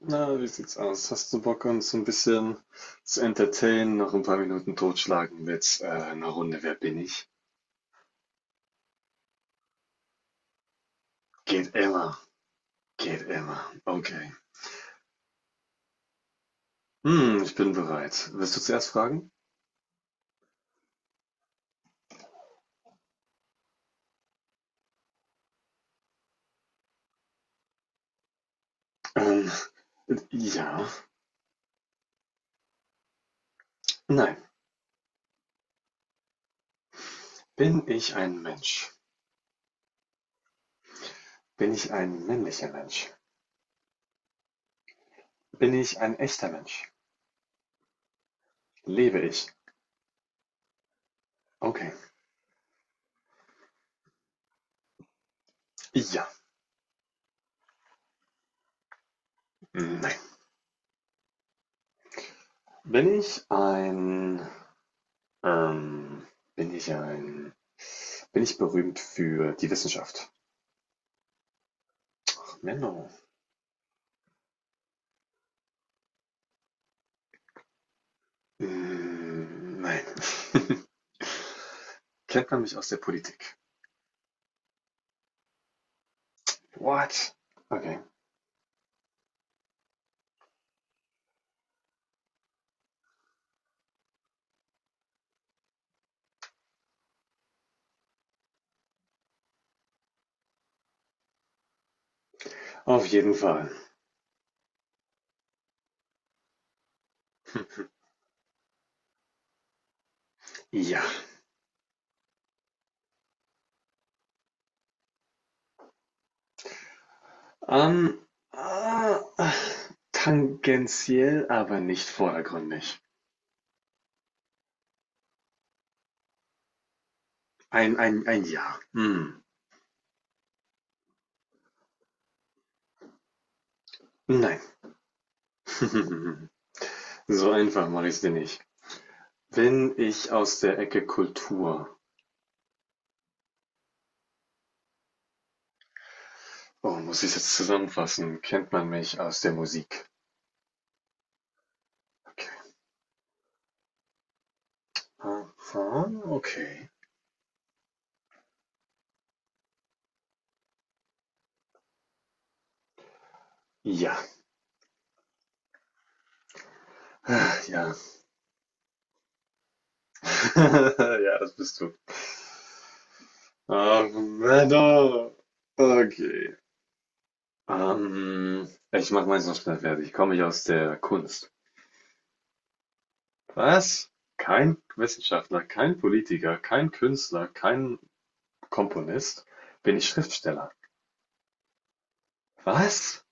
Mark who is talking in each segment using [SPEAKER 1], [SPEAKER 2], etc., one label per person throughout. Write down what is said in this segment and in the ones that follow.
[SPEAKER 1] Na, wie sieht's aus? Hast du Bock, uns so ein bisschen zu entertainen, noch ein paar Minuten totschlagen mit einer Runde Wer bin ich? Geht immer, geht immer. Okay. Hm, ich bin bereit. Willst du zuerst fragen? Ähm, ja, nein. Bin ich ein Mensch? Bin ich ein männlicher Mensch? Bin ich ein echter Mensch? Lebe ich? Okay. Ja, nein. Bin ich ein, ähm, bin ich ein, Bin ich berühmt für die Wissenschaft? Menno. Mm, nein. Kennt man mich aus der Politik? What? Okay. Auf jeden Fall. Ja. Ähm, ah, Tangentiell, aber nicht vordergründig. Ein Ja. Hm. Nein. So einfach mache ich es dir nicht. Bin ich aus der Ecke Kultur? Oh, muss ich es jetzt zusammenfassen? Kennt man mich aus der Musik? Okay. Okay. Ja, ja. Ja, das bist du. Ach, Männer. Okay. Ich mache meins noch schnell fertig. Komme ich aus der Kunst? Was? Kein Wissenschaftler, kein Politiker, kein Künstler, kein Komponist. Bin ich Schriftsteller? Was?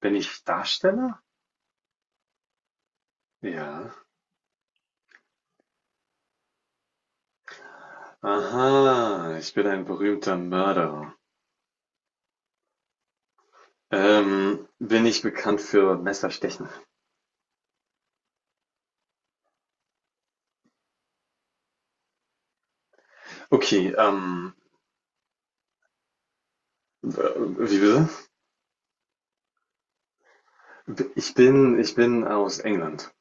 [SPEAKER 1] Bin ich Darsteller? Ja. Aha, ich bin ein berühmter Mörderer. Bin ich bekannt für Messerstechen? Okay, w- wie bitte? Ich bin aus England.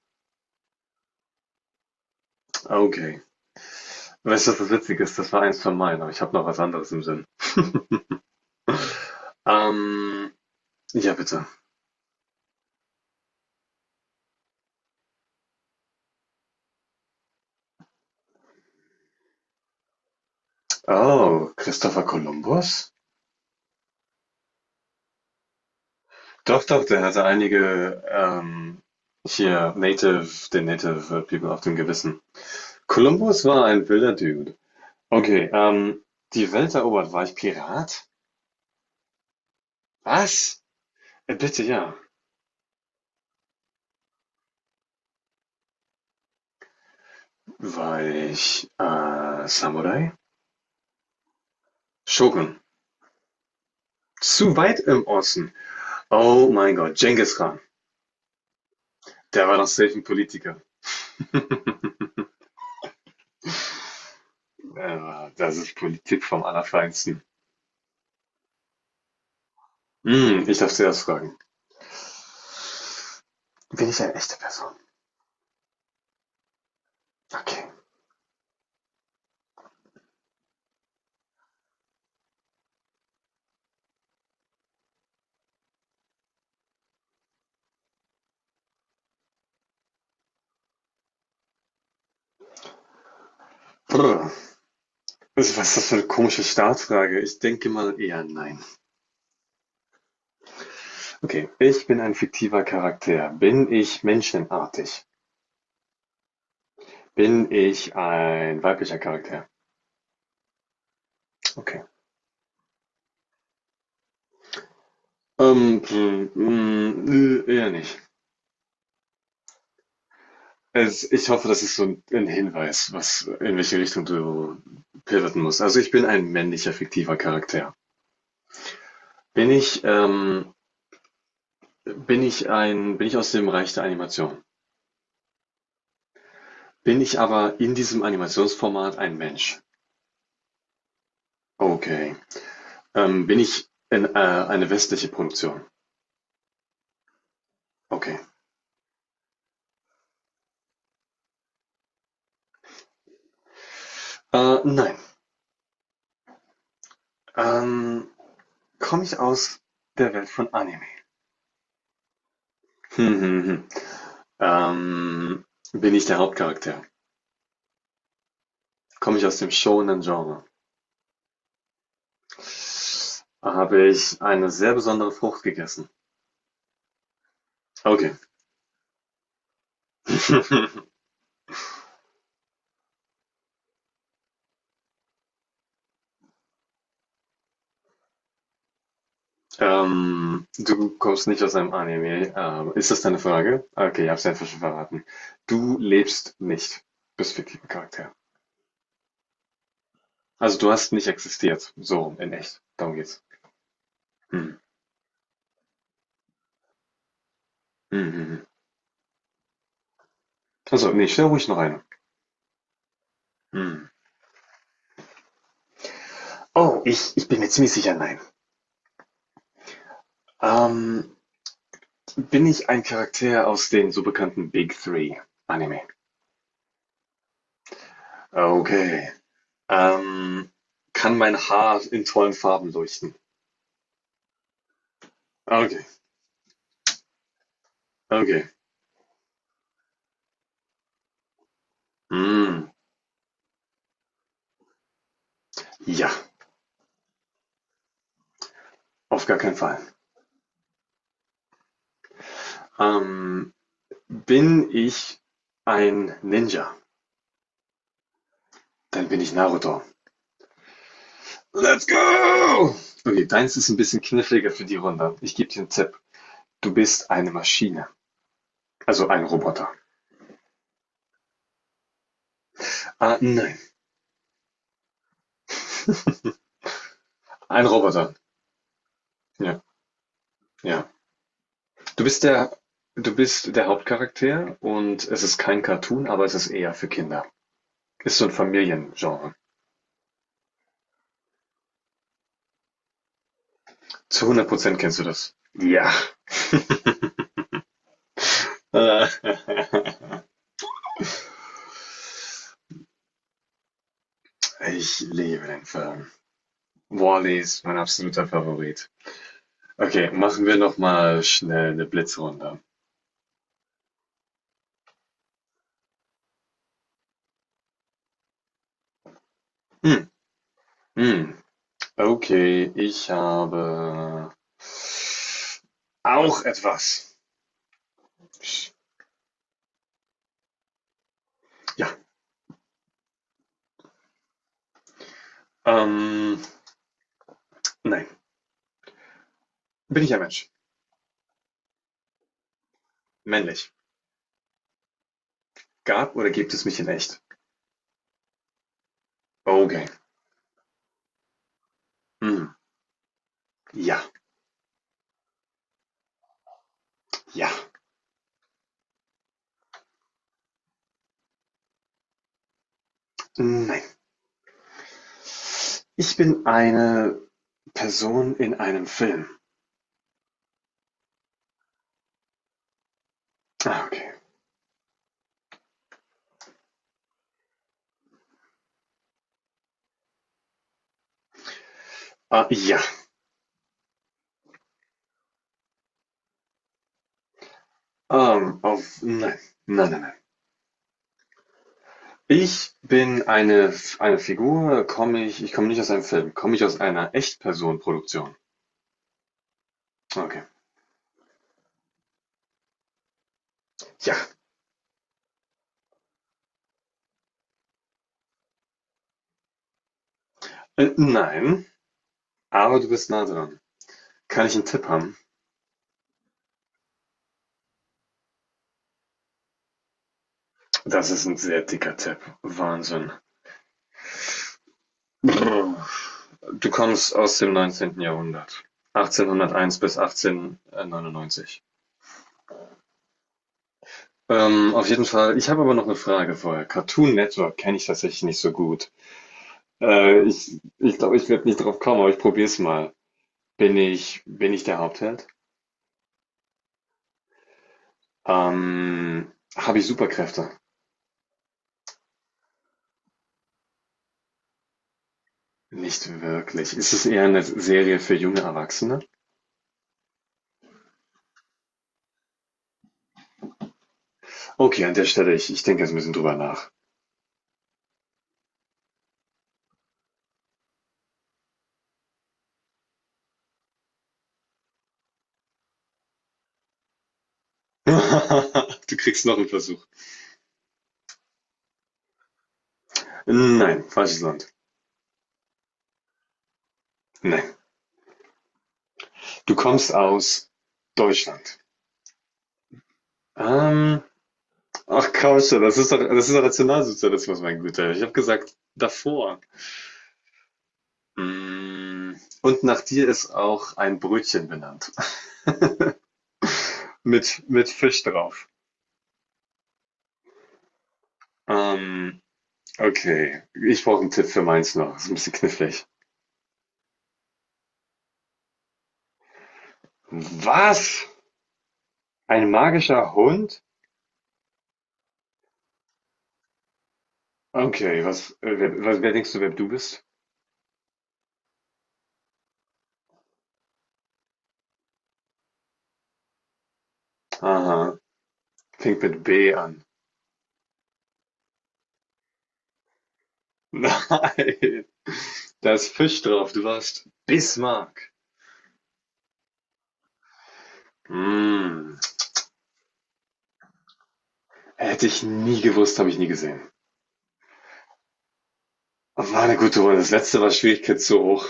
[SPEAKER 1] Okay. Weißt du, was das Witzige ist? Das war eins von meinen, aber ich habe noch was anderes im Sinn. Ähm, ja, bitte. Oh, Christopher Columbus? Doch, doch, der hatte einige hier Native, den Native People auf dem Gewissen. Columbus war ein wilder Dude. Okay, die Welt erobert, war ich Pirat? Was? Bitte ja. War ich Samurai? Shogun. Zu weit im Osten. Oh mein Gott, Genghis Khan. Der war doch safe ein Politiker. Ja, das ist Politik vom Allerfeinsten. Hm, ich darf zuerst fragen. Bin ich eine echte Person? Okay. Brr. Was ist das für eine komische Startfrage? Ich denke mal eher nein. Okay. Ich bin ein fiktiver Charakter. Bin ich menschenartig? Bin ich ein weiblicher Charakter? Okay. Eher nicht. Ich hoffe, das ist so ein Hinweis, was, in welche Richtung du pivoten musst. Also ich bin ein männlicher fiktiver Charakter. Bin ich ähm, bin ich aus dem Bereich der Animation. Bin ich aber in diesem Animationsformat ein Mensch? Okay. Ähm, bin ich in, äh, eine westliche Produktion? Okay. Nein. Ähm, komme ich aus der Welt von Anime? Hm, hm, hm. Ähm, bin ich der Hauptcharakter? Komme ich aus dem Shonen-Genre? Habe ich eine sehr besondere Frucht gegessen? Okay. Du kommst nicht aus einem Anime. Ist das deine Frage? Okay, ich habe es einfach schon verraten. Du lebst nicht. Bist fiktiver Charakter. Also du hast nicht existiert. So, in echt. Darum geht's. Hm. Hm, hm, hm. Also, nee, stell ruhig noch eine. Hm. Oh, ich bin mir ziemlich sicher, nein. Ähm, bin ich ein Charakter aus den so bekannten Big Three Anime? Okay. Ähm, kann mein Haar in tollen Farben leuchten? Okay, okay. Hm. Ja. Auf gar keinen Fall. Ähm, bin ich ein Ninja? Dann bin ich Naruto. Let's go! Okay, deins ist ein bisschen kniffliger für die Runde. Ich gebe dir einen Tipp. Du bist eine Maschine. Also ein Roboter. Ah, nein. Ein Roboter. Ja, ja. Du bist der, du bist der Hauptcharakter und es ist kein Cartoon, aber es ist eher für Kinder. Ist so ein Familiengenre. Zu hundert Prozent kennst du das. Ja. Ich liebe den Film. Wall-E ist mein absoluter Favorit. Okay, machen wir noch mal schnell eine Blitzrunde. Hm, hm, okay, ich habe auch etwas. Ja, ähm, nein. Bin ich ein Mensch? Männlich. Gab oder gibt es mich in echt? Okay. Hm, ja, ja, nein. Ich bin eine Person in einem Film. Ah, okay. Ah, ja. Auf nein. Nein, nein, nein. Ich bin eine F eine Figur, komme ich ich komme nicht aus einem Film. Komme ich aus einer Echtperson-Produktion? Okay. Ja. Nein, aber du bist nah dran. Kann ich einen Tipp haben? Das ist ein sehr dicker Tipp. Wahnsinn. Brr. Du kommst aus dem neunzehnten Jahrhundert. 1801 bis 1899. Auf jeden Fall ich habe aber noch eine Frage vorher. Cartoon Network kenne ich tatsächlich nicht so gut. Ich glaube, ich werde nicht drauf kommen, aber ich probiere es mal. Bin ich der Hauptheld? Habe ich Superkräfte? Nicht wirklich. Ist es eher eine Serie für junge Erwachsene? Okay, an der Stelle, ich denke jetzt ein bisschen drüber nach. Du kriegst noch einen Versuch. Nein, falsches Land. Nein. Du kommst aus Deutschland. Ähm, ach komm schon, das ist doch Nationalsozialismus, mein Guter. Ich habe gesagt, davor. Mm, und nach dir ist auch ein Brötchen benannt. Mit Fisch drauf. Ähm, Okay, ich brauche einen Tipp für meins noch. Ist ein bisschen knifflig. Was? Ein magischer Hund? Okay, was wer denkst du, wer du bist? Aha, fängt mit B an. Nein, da ist Fisch drauf. Du warst Bismarck. Hm, hätte ich nie gewusst, habe ich nie gesehen. War eine gute Runde. Das letzte war Schwierigkeit zu hoch.